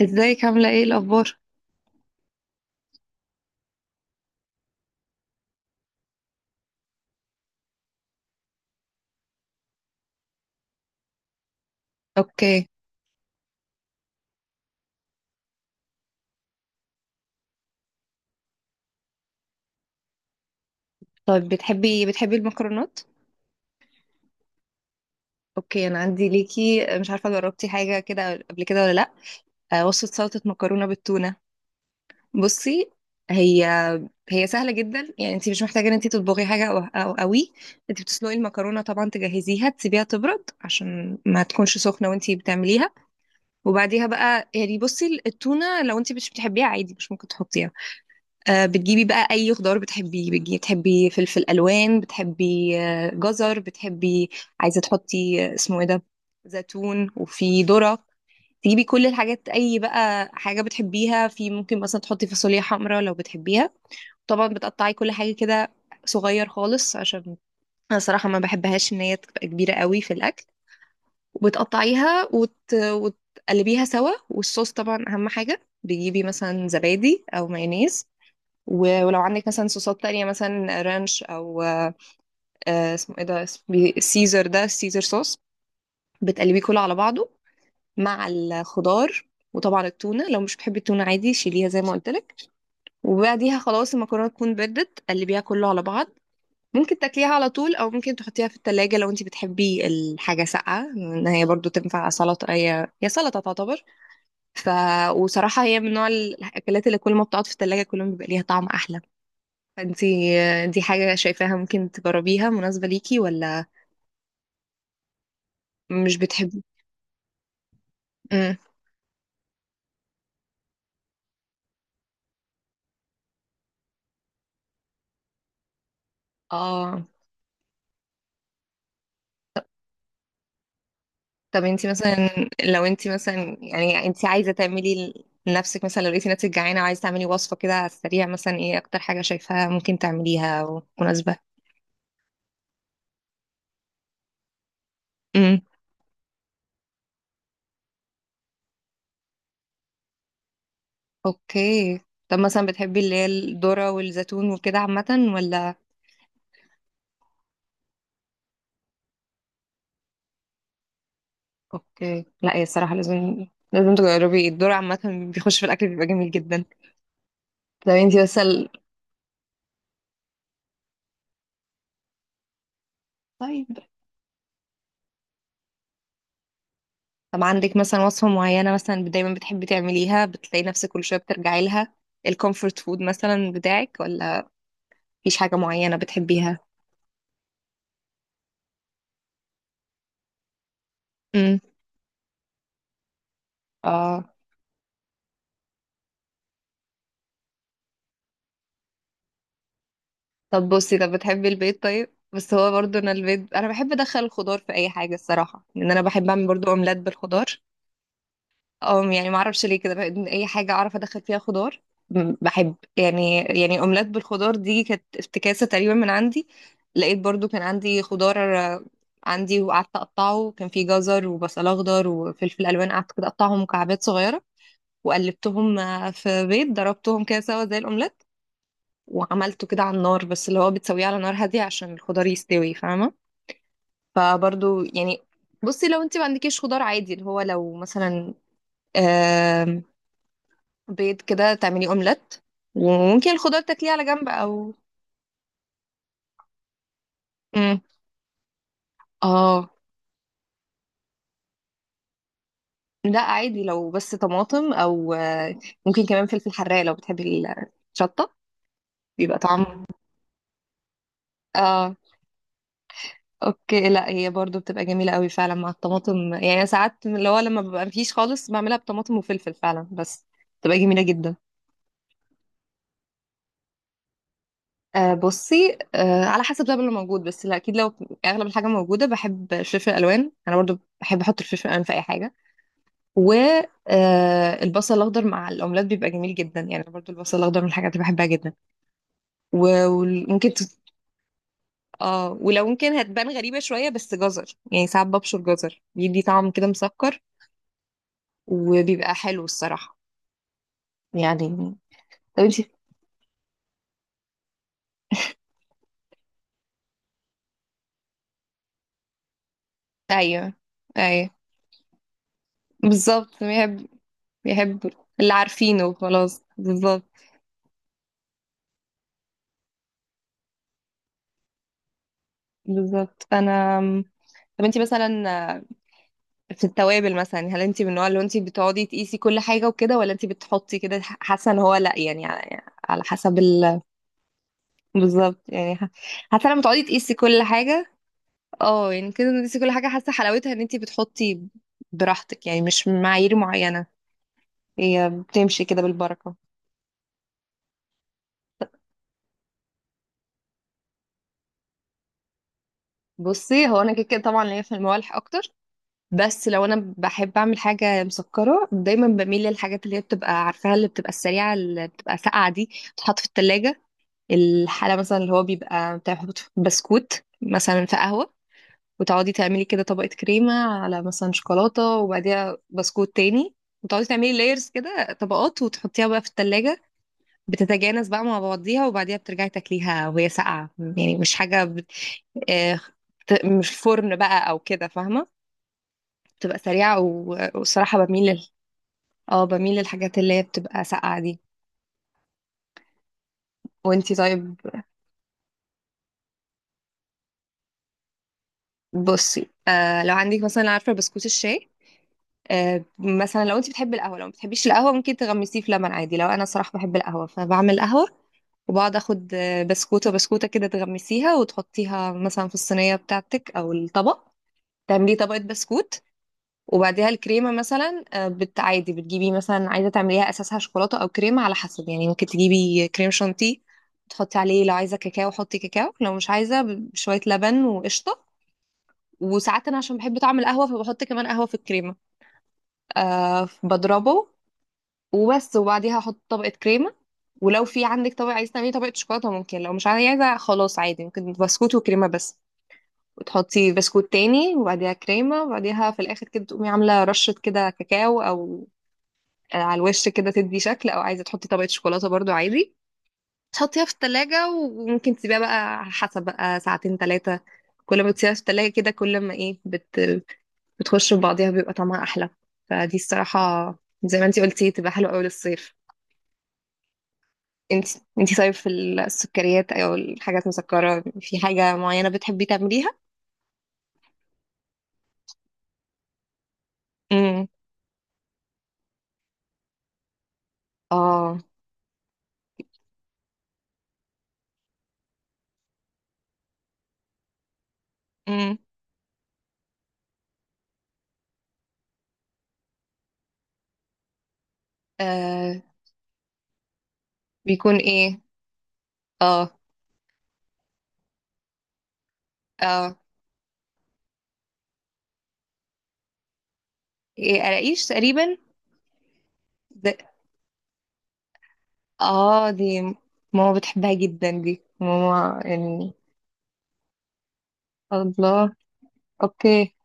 ازيك، عاملة ايه الأخبار؟ اوكي. طيب، بتحبي المكرونات؟ اوكي، أنا عندي ليكي، مش عارفة جربتي حاجة كده قبل كده ولا لأ؟ وصفة سلطة مكرونة بالتونة. بصي، هي هي سهلة جدا، يعني انت مش محتاجة ان انت تطبخي حاجة أو قوي. انت بتسلقي المكرونة طبعا، تجهزيها تسيبيها تبرد عشان ما تكونش سخنة وانت بتعمليها. وبعديها بقى، يعني، بصي، التونة لو انت مش بتحبيها عادي، مش ممكن تحطيها. بتجيبي بقى اي خضار بتحبيه، بتجيبي، بتحبي فلفل الوان، بتحبي جزر، بتحبي عايزه تحطي، اسمه ايه ده، زيتون، وفي ذره. تجيبي كل الحاجات، اي بقى حاجه بتحبيها في، ممكن مثلا تحطي فاصوليا حمراء لو بتحبيها. طبعا بتقطعي كل حاجه كده صغير خالص، عشان انا صراحه ما بحبهاش ان هي تبقى كبيره قوي في الاكل. وبتقطعيها وتقلبيها سوا. والصوص، طبعا اهم حاجه، بتجيبي مثلا زبادي او مايونيز. ولو عندك مثلا صوصات تانية، مثلا رانش او اسمه ايه ده، اسمه سيزر، ده سيزر صوص. بتقلبيه كله على بعضه مع الخضار. وطبعا التونة، لو مش بتحبي التونة عادي، شيليها زي ما قلت لك. وبعديها خلاص المكرونة تكون بردت، قلبيها كله على بعض. ممكن تاكليها على طول، او ممكن تحطيها في التلاجة لو انت بتحبي الحاجة ساقعة، ان هي برضو تنفع سلطة، هي سلطة تعتبر. ف وصراحة هي من نوع الاكلات اللي كل ما بتقعد في التلاجة كل ما بيبقى ليها طعم احلى. فانتي دي حاجة شايفاها ممكن تجربيها، مناسبة ليكي ولا؟ مش بتحبي؟ امم اه. طب انتي مثلا، لو انتي مثلا يعني انتي عايزة تعملي لنفسك، مثلا لو لقيتي نفسك جعانة وعايزة تعملي وصفة كده على السريع، مثلا ايه اكتر حاجة شايفاها ممكن تعمليها او مناسبة؟ امم اوكي. طب مثلا، بتحبي اللي هي الذرة والزيتون وكده عامة ولا؟ اوكي. لا هي الصراحة لازم تجربي الذرة عامة، بيخش في الأكل بيبقى جميل جدا. طب انتي مثلا، طيب، طب عندك مثلا وصفة معينة مثلا دايما بتحبي تعمليها، بتلاقي نفسك كل شوية بترجعي لها، الكومفورت فود مثلا بتاعك، ولا مفيش حاجة معينة بتحبيها؟ امم اه. طب بصي، طب بتحبي البيض؟ طيب. بس هو برضو انا البيض، انا بحب ادخل الخضار في اي حاجة الصراحة، لان انا بحب اعمل برضو اومليت بالخضار. اه، يعني ما اعرفش ليه كده اي حاجه اعرف ادخل فيها خضار. بحب، يعني اومليت بالخضار دي كانت افتكاسه تقريبا من عندي. لقيت برضو كان عندي خضار. عندي، وقعدت اقطعه، كان في جزر وبصل اخضر وفلفل الوان، قعدت كده اقطعهم مكعبات صغيره. وقلبتهم في بيض، ضربتهم كده سوا زي الاومليت. وعملته كده على النار، بس اللي هو بتسويه على نار هاديه عشان الخضار يستوي، فاهمه؟ فبرضو، يعني، بصي، لو انت ما عندكيش خضار عادي اللي هو، لو مثلا بيض كده تعملي اومليت. وممكن الخضار تاكليه على جنب او مم. اه، لا عادي، لو بس طماطم او ممكن كمان فلفل حراق لو بتحبي الشطه، بيبقى طعم. اه، اوكي. لا هي برضو بتبقى جميله قوي فعلا مع الطماطم، يعني أنا ساعات اللي هو لما ببقى مفيش خالص بعملها بطماطم وفلفل فعلا، بس بتبقى جميله جدا. بصي، على حسب بقى اللي موجود، بس لا اكيد لو اغلب الحاجه موجوده، بحب الفلفل الالوان، انا برضو بحب احط الفلفل الالوان في اي حاجه. والبصل الاخضر مع الاومليت بيبقى جميل جدا، يعني برضو البصل الاخضر من الحاجات اللي بحبها جدا. وممكن اه، ولو ممكن هتبان غريبة شوية، بس جزر، يعني ساعات ببشر جزر، بيدي طعم كده مسكر وبيبقى حلو الصراحة، يعني. طب انتي، ايوه، ايوه، بالظبط، بيحب اللي عارفينه خلاص، بالظبط. بالظبط فانا، طب انتي مثلا في التوابل مثلا، هل انت من النوع اللي انت بتقعدي تقيسي كل حاجه وكده، ولا انت بتحطي كده، حاسه ان هو لا يعني، يعني على حسب بالظبط. يعني حاسه لما تقعدي تقيسي كل حاجه، اه يعني كده تقيسي كل حاجه حاسه حلاوتها، ان انت بتحطي براحتك يعني، مش معايير معينه، هي بتمشي كده بالبركه. بصي، هو انا كده كده طبعا ليا في الموالح اكتر. بس لو انا بحب اعمل حاجه مسكره، دايما بميل للحاجات اللي هي بتبقى عارفاها، اللي بتبقى السريعه، اللي بتبقى ساقعه دي، بتتحط في التلاجة. الحالة مثلا اللي هو بيبقى، بتاخد بسكوت مثلا في قهوة، وتقعدي تعملي كده طبقة كريمة على مثلا شوكولاتة، وبعديها بسكوت تاني، وتقعدي تعملي لايرز كده طبقات، وتحطيها بقى في التلاجة، بتتجانس بقى مع بعضيها، وبعديها بترجعي تاكليها وهي ساقعة، يعني مش حاجة آه، مش فرن بقى أو كده، فاهمة؟ بتبقى سريعة، والصراحة بميل اه، بميل للحاجات اللي هي بتبقى ساقعة دي. وانتي طيب، بصي، لو عندك مثلا عارفة بسكوت الشاي، مثلا لو انت بتحبي القهوه، لو ما بتحبيش القهوه ممكن تغمسيه في لبن عادي، لو انا صراحه بحب القهوه فبعمل قهوه، وبقعد اخد بسكوته كده تغمسيها، وتحطيها مثلا في الصينيه بتاعتك او الطبق، تعملي طبقه بسكوت. وبعديها الكريمه مثلا، عادي بتجيبي مثلا، عايزه تعمليها اساسها شوكولاته او كريمه على حسب يعني، ممكن تجيبي كريم شانتيه، تحطي عليه لو عايزه كاكاو حطي كاكاو، لو مش عايزه بشويه لبن وقشطه. وساعات انا عشان بحب طعم القهوه فبحط كمان قهوه في الكريمه، بضربه، وبس. وبعديها احط طبقه كريمه، ولو في عندك طبقه عايزه تعملي طبقه شوكولاته ممكن، لو مش عايزه خلاص عادي ممكن بسكوت وكريمه بس، وتحطي بسكوت تاني، وبعديها كريمه، وبعديها في الاخر كده تقومي عامله رشه كده كاكاو او على الوش كده تدي شكل، او عايزه تحطي طبقه شوكولاته برضو عادي. تحطيها في التلاجة، وممكن تسيبيها بقى على حسب بقى ساعتين 3، كل ما بتسيبها في التلاجة كده كل ما ايه بتخش في بعضيها بيبقى طعمها أحلى، فدي الصراحة زي ما انتي قلتي، تبقى حلوة أوي للصيف. انت انت طيب، في السكريات او الحاجات المسكرة، في حاجة معينة بتحبي تعمليها؟ امم اه. امم آه بيكون ايه؟ اه، اه، ايه، قراقيش تقريبا. ده، اه دي، ماما بتحبها جدا دي ماما يعني. الله. اوكي.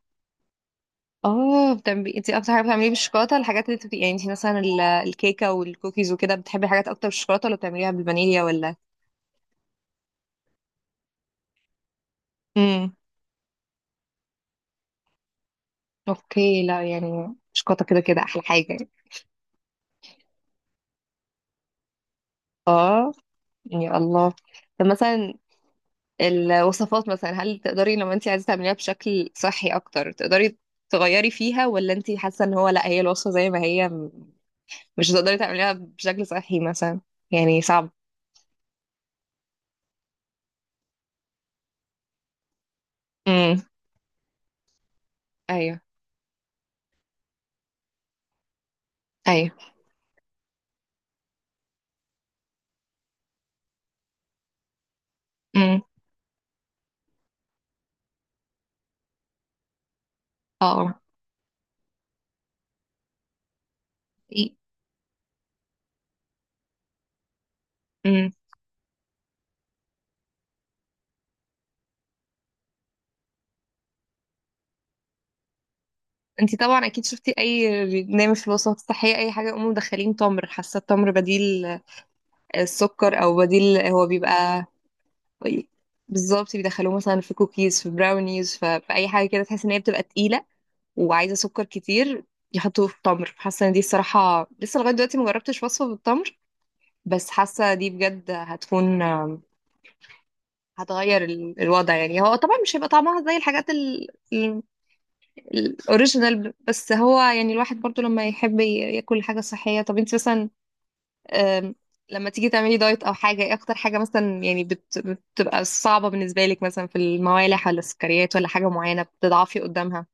اه، بتعملي انت اكتر حاجة بتعمليه بالشوكولاتة، الحاجات اللي بتبقي يعني انت مثلا الكيكة والكوكيز وكده، بتحبي حاجات اكتر بالشوكولاتة ولا بتعمليها بالفانيليا ولا؟ امم اوكي. لا، يعني شوكولاته كده كده احلى حاجه. اه، يا الله. طب مثلا الوصفات مثلا، هل تقدري لما انت عايزه تعمليها بشكل صحي اكتر، تقدري تغيري فيها، ولا انت حاسه ان هو لا، هي الوصفه زي ما هي مش هتقدري تعمليها بشكل صحي مثلا، يعني صعب؟ امم ايوه، ايوه. امم اه. امم انت طبعا اكيد شفتي اي برنامج في الوصفات الصحيه، اي حاجه يقوموا مدخلين تمر، حاسه التمر بديل السكر، او بديل، هو بيبقى، بالظبط، بيدخلوه مثلا في كوكيز، في براونيز، في اي حاجه كده تحس ان هي بتبقى تقيله وعايزه سكر كتير، يحطوه في التمر. حاسه ان دي الصراحه لسه لغايه دلوقتي مجربتش وصفه بالتمر، بس حاسه دي بجد هتكون هتغير الوضع، يعني هو طبعا مش هيبقى طعمها زي الحاجات ال- الاوريجينال، بس هو يعني الواحد برضو لما يحب ياكل حاجه صحيه. طب انت مثلا، أم، لما تيجي تعملي دايت او حاجه، ايه اكتر حاجه مثلا يعني بتبقى صعبه بالنسبه لك، مثلا في الموالح ولا السكريات ولا حاجه معينه بتضعفي قدامها؟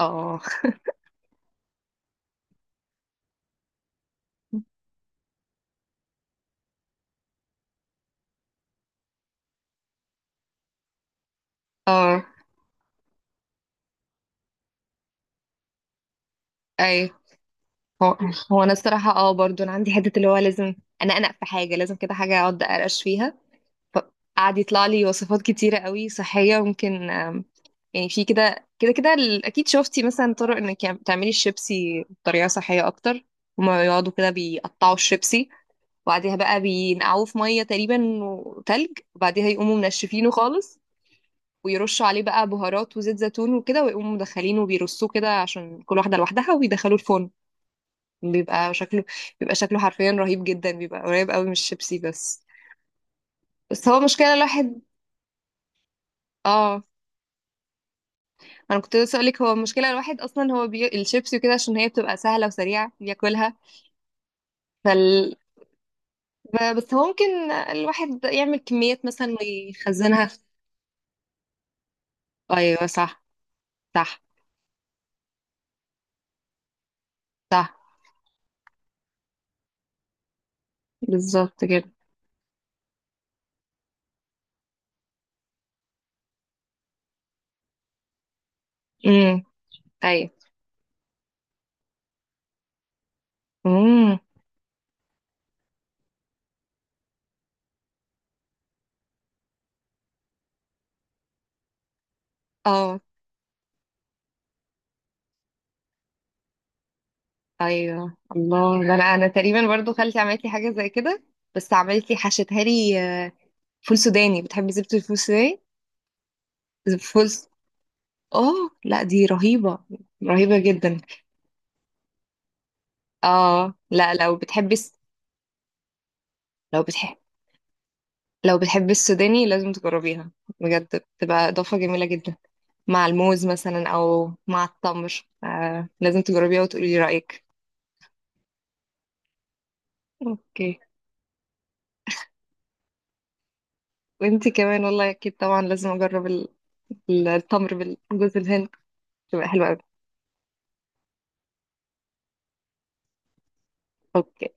اه. اه. اي، هو هو انا الصراحه، اه، برضو انا عندي حته اللي هو لازم، انا انق في حاجه، لازم كده حاجه اقعد اقرقش فيها. فقعد يطلع لي وصفات كتيره قوي صحيه ممكن، يعني في كده اكيد شفتي مثلا طرق انك يعني تعملي الشيبسي بطريقه صحيه اكتر. هما يقعدوا كده بيقطعوا الشيبسي، وبعديها بقى بينقعوه في ميه تقريبا وتلج، وبعديها يقوموا منشفينه خالص، ويرشوا عليه بقى بهارات وزيت زيتون وكده، ويقوموا مدخلينه وبيرصوه كده عشان كل واحده لوحدها، ويدخلوه الفرن. بيبقى شكله بيبقى شكله حرفيا رهيب جدا، بيبقى قريب قوي من الشيبسي، بس، بس هو مشكله الواحد. اه، انا كنت لسه اقولك، هو المشكله الواحد اصلا هو الشيبسي وكده عشان هي بتبقى سهله وسريعه بياكلها. فال... بس هو ممكن الواحد يعمل كميات مثلا ويخزنها. ايوه، صح، صح، صح، بالظبط كده. امم ايوه. امم اه. ايوه، الله، ده انا تقريبا برضو خالتي عملت لي حاجه زي كده، بس عملت لي، حشتها لي، آه، فول سوداني، بتحبي زبده الفول السوداني؟ فول س- اه، لا دي رهيبه، رهيبه جدا. اه، لا لو بتحبي لو بتحب لو بتحبي السوداني لازم تجربيها بجد، بتبقى اضافه جميله جدا مع الموز مثلا او مع التمر. لازم تجربيها وتقولي رايك. اوكي، وانتي كمان والله، اكيد طبعا لازم اجرب التمر بالجوز الهند، تبقى حلوة قوي. اوكي.